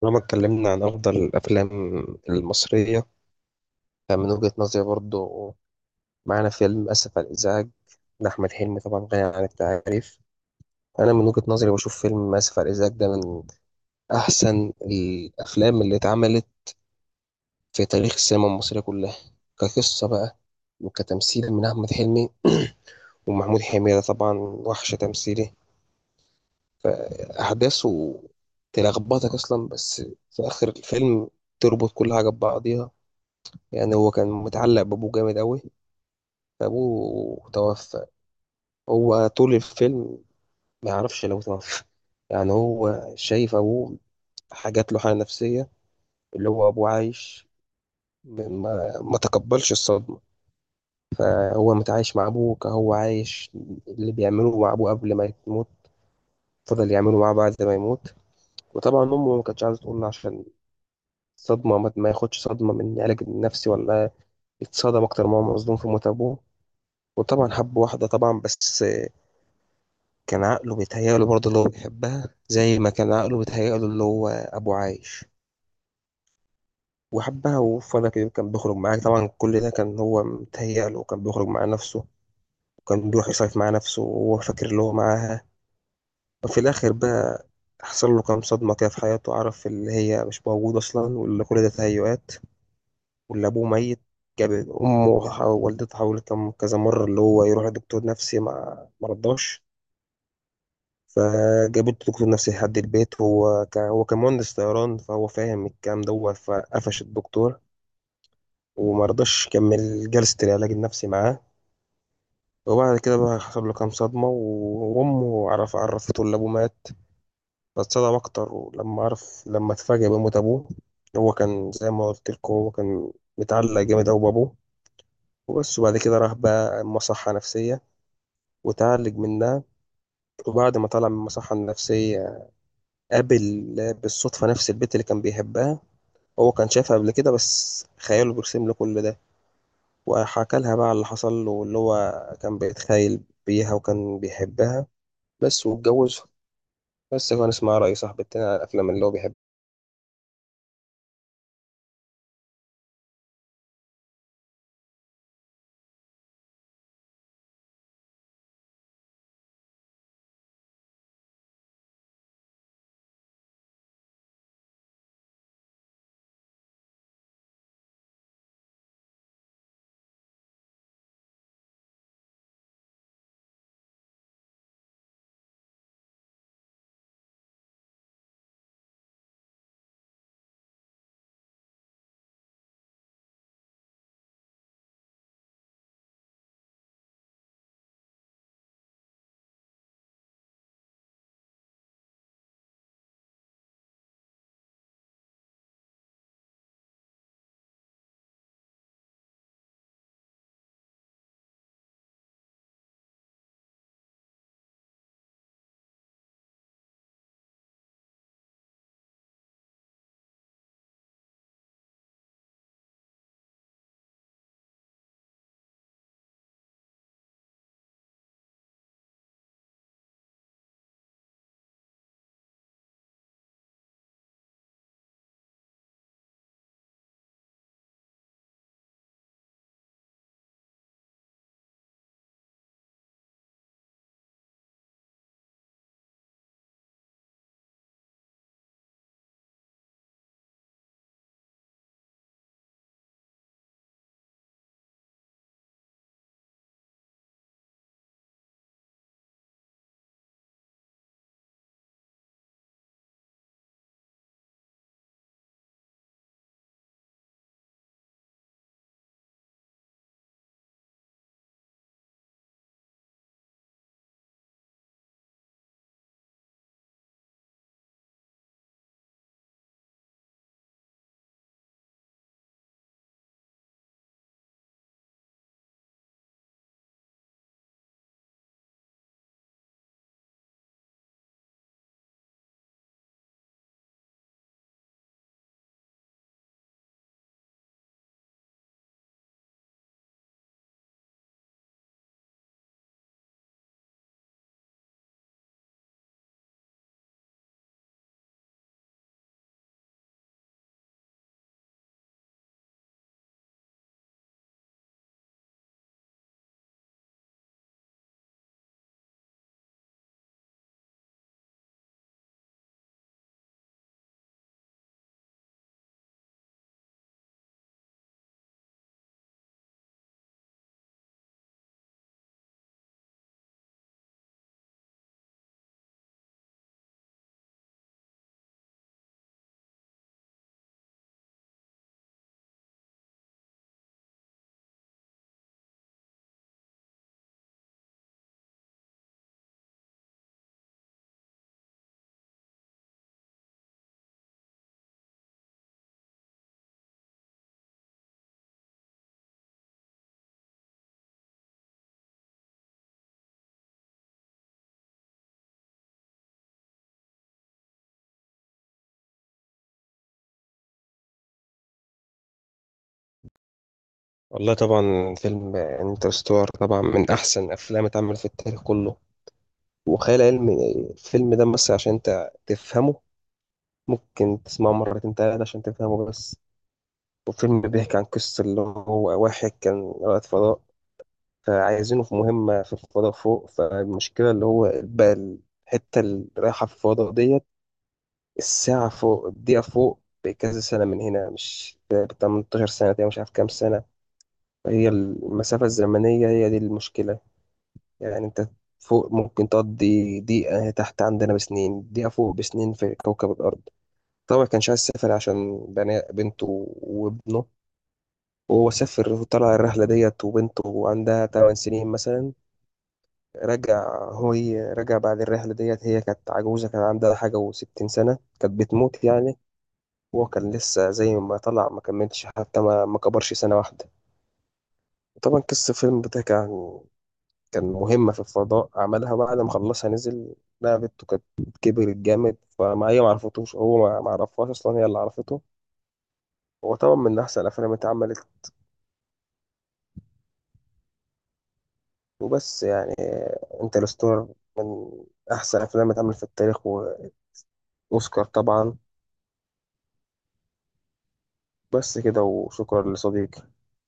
طالما اتكلمنا عن أفضل الأفلام المصرية، فمن وجهة نظري برضو معانا فيلم أسف على الإزعاج لأحمد حلمي. طبعا غني عن التعريف. أنا من وجهة نظري بشوف فيلم أسف على الإزعاج ده من أحسن الأفلام اللي اتعملت في تاريخ السينما المصرية كلها، كقصة بقى وكتمثيل من أحمد حلمي ومحمود حميدة. طبعا وحش تمثيلي. أحداثه تلخبطك أصلا، بس في آخر الفيلم تربط كل حاجة ببعضيها. يعني هو كان متعلق بأبوه جامد أوي. أبوه توفى، هو طول الفيلم ما يعرفش لو توفى. يعني هو شايف أبوه حاجات، له حالة نفسية اللي هو أبوه عايش، ما تقبلش الصدمة. هو متعايش مع أبوه كهو عايش، اللي بيعمله مع أبوه قبل ما يموت فضل يعمله معاه بعد ما يموت. وطبعا أمه ما كانتش عايزة تقول له عشان صدمة، ما ما ياخدش صدمة من علاج نفسي، ولا يتصدم أكتر ما هو مصدوم في موت أبوه. وطبعا حب واحدة طبعا، بس كان عقله بيتهيأله برضه اللي هو بيحبها، زي ما كان عقله بيتهيأله اللي هو أبو عايش. وحبها وفضل كده كان بيخرج معاها، طبعا كل ده كان هو متهيأله وكان بيخرج مع نفسه، وكان بيروح يصيف مع نفسه وهو فاكر اللي هو معاها. وفي الآخر بقى حصل له كام صدمة كده في حياته، عرف اللي هي مش موجودة أصلا، واللي كل ده تهيؤات، واللي أبوه ميت. جاب أمه، ووالدته حاولت كذا مرة اللي هو يروح لدكتور نفسي، ما مرضاش. فجابت دكتور نفسي لحد البيت، هو كان مهندس طيران، فهو فاهم الكلام ده فقفش الدكتور، وما رضاش يكمل جلسة العلاج النفسي معاه. وبعد كده بقى حصل له كام صدمة، وأمه عرفته إن أبوه مات. فاتصدم أكتر ولما عرف، لما اتفاجأ بموت أبوه. هو كان زي ما قلت لكم، هو كان متعلق جامد أوي بأبوه. وبس، وبعد كده راح بقى مصحة نفسية وتعالج منها. وبعد ما طلع من المصحة النفسية قابل بالصدفة نفس البنت اللي كان بيحبها. هو كان شايفها قبل كده، بس خياله بيرسم له كل ده. وحكى لها بقى على اللي حصل له، واللي هو كان بيتخيل بيها وكان بيحبها بس، واتجوزها. بس كان اسمها. رأي صاحب التاني على الأفلام اللي هو بيحبها. والله طبعا فيلم انترستور طبعا من أحسن أفلام اتعمل في التاريخ كله. وخيال علمي الفيلم ده، بس عشان أنت تفهمه ممكن تسمعه مرتين تلاتة عشان تفهمه بس. والفيلم بيحكي عن قصة اللي هو واحد كان رائد فضاء، فعايزينه في مهمة في الفضاء فوق. فالمشكلة اللي هو بقى الحتة اللي رايحة في الفضاء ديت، الساعة فوق الدقيقة فوق بكذا سنة من هنا، مش ب 18 سنة تقريبا، مش عارف كام سنة. هي المسافة الزمنية هي دي المشكلة. يعني أنت فوق ممكن تقضي دقيقة، تحت عندنا بسنين، دقيقة فوق بسنين في كوكب الأرض. طبعا كانش عايز يسافر عشان بنته وابنه. وهو سافر وطلع الرحلة ديت، وبنته عندها 8 سنين مثلا. رجع هو، رجع بعد الرحلة ديت هي كانت عجوزة، كان عندها حاجة وستين سنة، كانت بتموت يعني. وهو كان لسه زي ما طلع، ما كملش حتى، ما كبرش سنة واحدة. طبعا قصة الفيلم ده كان كان مهمة في الفضاء عملها، بعد ما خلصها نزل. لعبته كانت كبرت جامد، فما هي ما عرفتوش، هو ما عرفهاش أصلا، هي اللي عرفته. هو طبعا من أحسن الأفلام اللي اتعملت وبس، يعني انترستولار من أحسن الأفلام اللي اتعملت في التاريخ، وأوسكار طبعا. بس كده، وشكرا لصديقي.